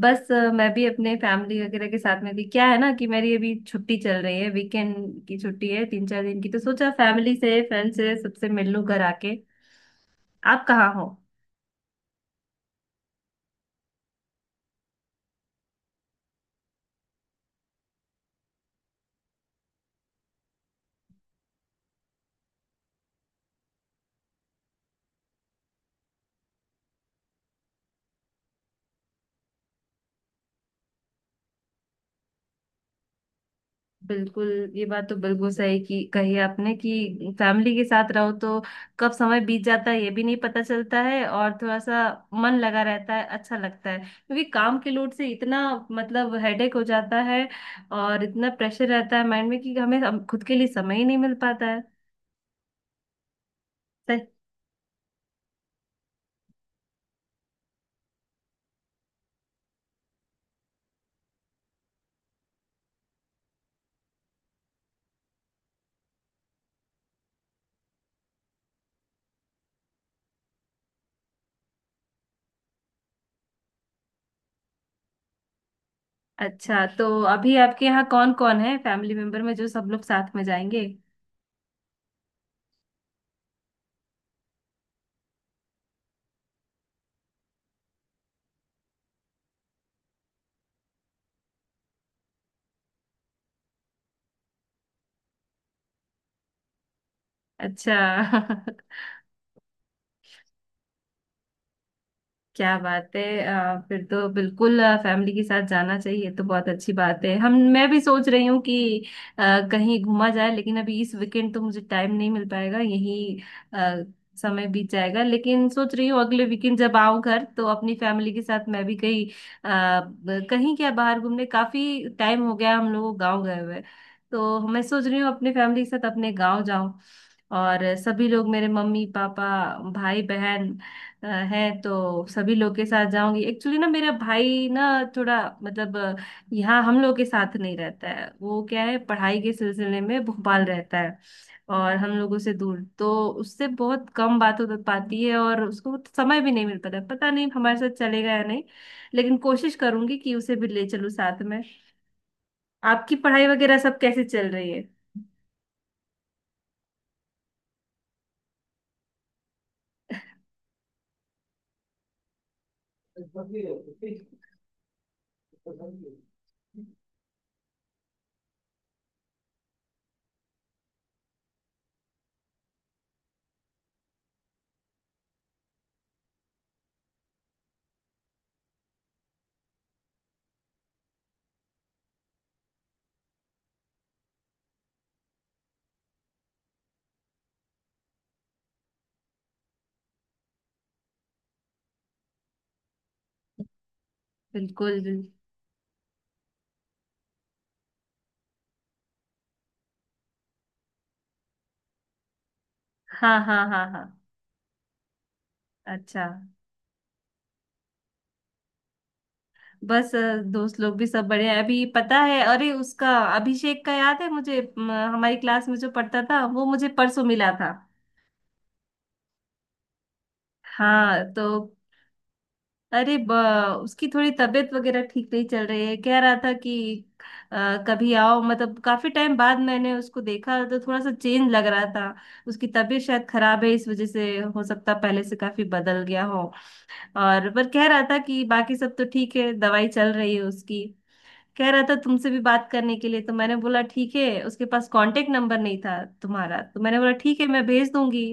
बस मैं भी अपने फैमिली वगैरह के साथ में थी। क्या है ना कि मेरी अभी छुट्टी चल रही है, वीकेंड की छुट्टी है, तीन चार दिन की, तो सोचा फैमिली से, फ्रेंड से, सबसे मिल लूं घर आके। आप कहाँ हो? बिल्कुल। ये बात तो बिल्कुल सही की कही आपने कि फैमिली के साथ रहो तो कब समय बीत जाता है ये भी नहीं पता चलता है, और थोड़ा सा मन लगा रहता है, अच्छा लगता है, क्योंकि काम के लोड से इतना मतलब हेडेक हो जाता है। और इतना प्रेशर रहता है माइंड में कि हमें खुद के लिए समय ही नहीं मिल पाता है। अच्छा। तो अभी आपके यहाँ कौन कौन है फैमिली मेंबर में जो सब लोग साथ में जाएंगे? अच्छा। क्या बात है! फिर तो बिल्कुल फैमिली के साथ जाना चाहिए, तो बहुत अच्छी बात है। हम मैं भी सोच रही हूँ कि अ, कहीं घूमा जाए, लेकिन अभी इस वीकेंड तो मुझे टाइम नहीं मिल पाएगा, यही अ, समय बीत जाएगा। लेकिन सोच रही हूँ अगले वीकेंड जब आऊँ घर तो अपनी फैमिली के साथ मैं भी कहीं आ, कहीं क्या बाहर घूमने। काफी टाइम हो गया हम लोग गाँव गए हुए, तो मैं सोच रही हूँ अपने फैमिली के साथ अपने गाँव जाऊँ। और सभी लोग, मेरे मम्मी पापा, भाई बहन अ, है, तो सभी लोग के साथ जाऊंगी। एक्चुअली ना मेरा भाई ना, थोड़ा मतलब यहाँ हम लोग के साथ नहीं रहता है, वो क्या है पढ़ाई के सिलसिले में भोपाल रहता है, और हम लोगों से दूर। तो उससे बहुत कम बात हो पाती है और उसको समय भी नहीं मिल पाता, पता नहीं हमारे साथ चलेगा या नहीं, लेकिन कोशिश करूंगी कि उसे भी ले चलूँ साथ में। आपकी पढ़ाई वगैरह सब कैसे चल रही है? बिल्कुल, बिल्कुल। हाँ, हाँ, हाँ, हाँ। अच्छा। बस दोस्त लोग भी सब बढ़िया है। अभी पता है, अरे उसका अभिषेक का याद है मुझे, हमारी क्लास में जो पढ़ता था, वो मुझे परसों मिला था। हाँ, तो अरे उसकी थोड़ी तबीयत वगैरह ठीक नहीं चल रही है। कह रहा था कि कभी आओ। मतलब काफी टाइम बाद मैंने उसको देखा तो थोड़ा सा चेंज लग रहा था, उसकी तबीयत शायद खराब है इस वजह से, हो सकता है पहले से काफी बदल गया हो। और पर कह रहा था कि बाकी सब तो ठीक है, दवाई चल रही है उसकी। कह रहा था तुमसे भी बात करने के लिए, तो मैंने बोला ठीक है। उसके पास कांटेक्ट नंबर नहीं था तुम्हारा, तो मैंने बोला ठीक है, मैं भेज दूंगी।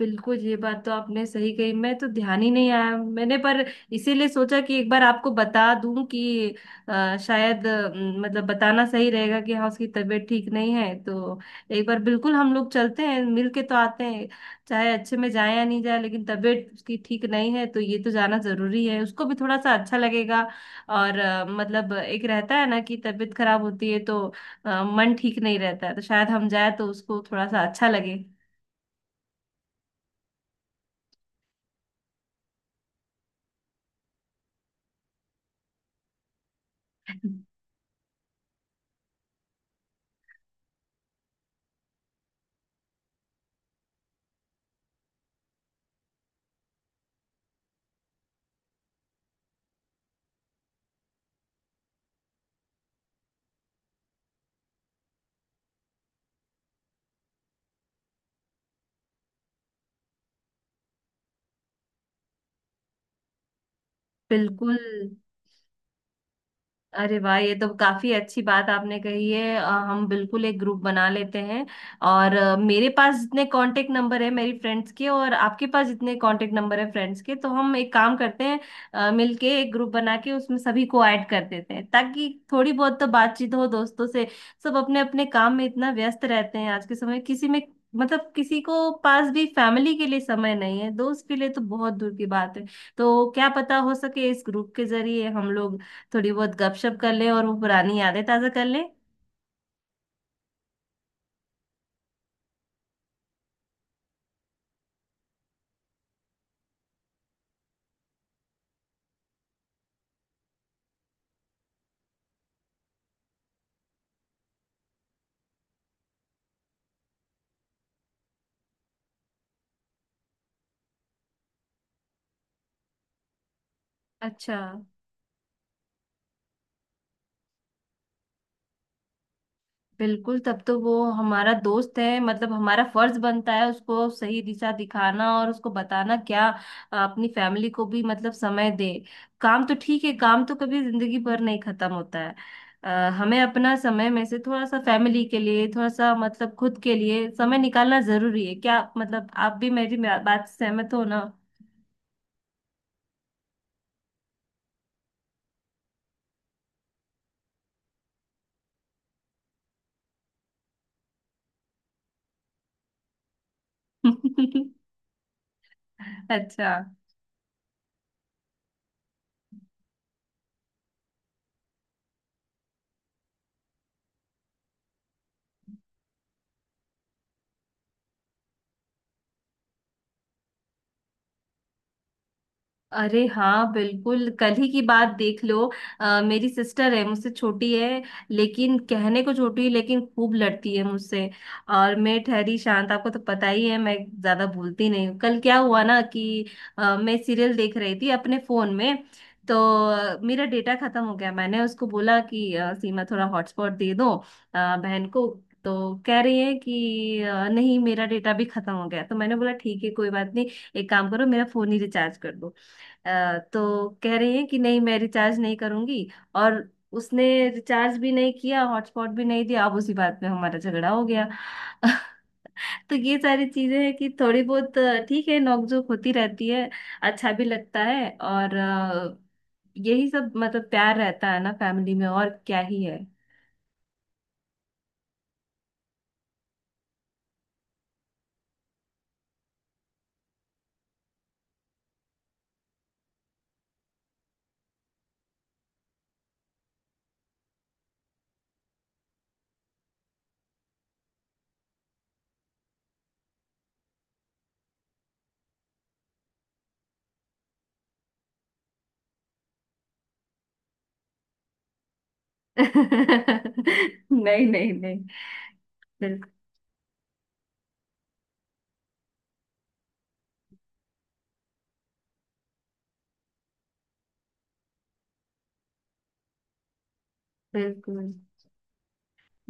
बिल्कुल, ये बात तो आपने सही कही, मैं तो ध्यान ही नहीं आया मैंने। पर इसीलिए सोचा कि एक बार आपको बता दूं कि शायद मतलब बताना सही रहेगा कि हाँ, उसकी तबीयत ठीक नहीं है। तो एक बार बिल्कुल हम लोग चलते हैं मिल के तो आते हैं, चाहे अच्छे में जाए या नहीं जाए, लेकिन तबीयत उसकी ठीक नहीं है तो ये तो जाना जरूरी है, उसको भी थोड़ा सा अच्छा लगेगा। और मतलब एक रहता है ना कि तबीयत खराब होती है तो मन ठीक नहीं रहता है, तो शायद हम जाए तो उसको थोड़ा सा अच्छा लगे। बिल्कुल। अरे वाह, ये तो काफी अच्छी बात आपने कही है। हम बिल्कुल एक ग्रुप बना लेते हैं। और मेरे पास जितने कांटेक्ट नंबर है मेरी फ्रेंड्स के और आपके पास जितने कांटेक्ट नंबर है फ्रेंड्स के, तो हम एक काम करते हैं, मिलके एक ग्रुप बना के उसमें सभी को ऐड कर देते हैं, ताकि थोड़ी बहुत तो बातचीत हो दोस्तों से। सब अपने अपने काम में इतना व्यस्त रहते हैं आज के समय में, किसी में मतलब किसी को पास भी फैमिली के लिए समय नहीं है, दोस्त के लिए तो बहुत दूर की बात है। तो क्या पता, हो सके इस ग्रुप के जरिए हम लोग थोड़ी बहुत गपशप कर ले और वो पुरानी यादें ताजा कर ले। अच्छा। बिल्कुल, तब तो वो हमारा दोस्त है, मतलब हमारा फर्ज बनता है उसको सही दिशा दिखाना और उसको बताना क्या अपनी फैमिली को भी मतलब समय दे। काम तो ठीक है, काम तो कभी जिंदगी भर नहीं खत्म होता है। हमें अपना समय में से थोड़ा सा फैमिली के लिए, थोड़ा सा मतलब खुद के लिए समय निकालना जरूरी है। क्या मतलब, आप भी मेरी बात से सहमत हो ना? अच्छा। अरे हाँ, बिल्कुल, कल ही की बात देख लो। मेरी सिस्टर है, मुझसे छोटी है, लेकिन कहने को छोटी है लेकिन खूब लड़ती है मुझसे। और मैं ठहरी शांत, आपको तो पता ही है मैं ज्यादा बोलती नहीं हूँ। कल क्या हुआ ना कि मैं सीरियल देख रही थी अपने फोन में, तो मेरा डेटा खत्म हो गया। मैंने उसको बोला कि सीमा थोड़ा हॉटस्पॉट दे दो, बहन को। तो कह रही है कि नहीं मेरा डेटा भी खत्म हो गया। तो मैंने बोला ठीक है कोई बात नहीं, एक काम करो मेरा फोन ही रिचार्ज कर दो। तो कह रही है कि नहीं मैं रिचार्ज नहीं करूंगी। और उसने रिचार्ज भी नहीं किया, हॉटस्पॉट भी नहीं दिया। अब उसी बात में हमारा झगड़ा हो गया। तो ये सारी चीजें हैं कि थोड़ी बहुत ठीक है, नोकझोंक होती रहती है, अच्छा भी लगता है। और यही सब मतलब प्यार रहता है ना फैमिली में, और क्या ही है। नहीं, नहीं, नहीं। बिल्कुल, बिल्कुल।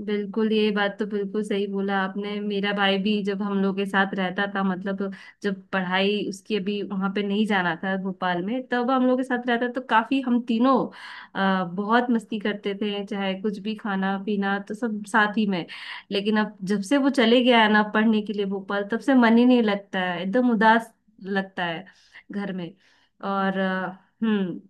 बिल्कुल ये बात तो बिल्कुल सही बोला आपने। मेरा भाई भी जब हम लोग के साथ रहता था, मतलब जब पढ़ाई उसकी अभी वहां पे नहीं जाना था भोपाल में, तब हम लोग के साथ रहता, तो काफी हम तीनों बहुत मस्ती करते थे, चाहे कुछ भी खाना पीना तो सब साथ ही में। लेकिन अब जब से वो चले गया है ना पढ़ने के लिए भोपाल, तब से मन ही नहीं लगता है, एकदम उदास लगता है घर में। और हम्म।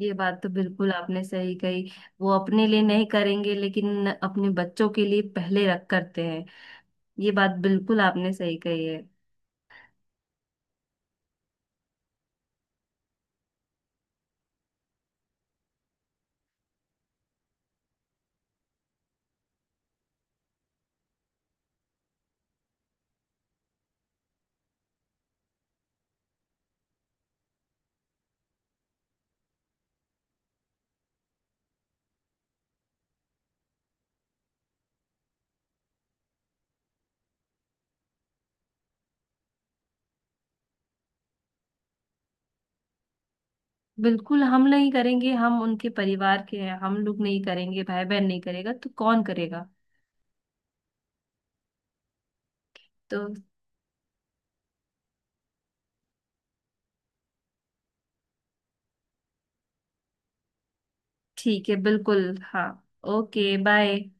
ये बात तो बिल्कुल आपने सही कही। वो अपने लिए नहीं करेंगे लेकिन अपने बच्चों के लिए पहले रख करते हैं। ये बात बिल्कुल आपने सही कही है। बिल्कुल, हम नहीं करेंगे, हम उनके परिवार के हैं, हम लोग नहीं करेंगे, भाई बहन नहीं करेगा तो कौन करेगा। तो ठीक है, बिल्कुल, हाँ। Okay, bye.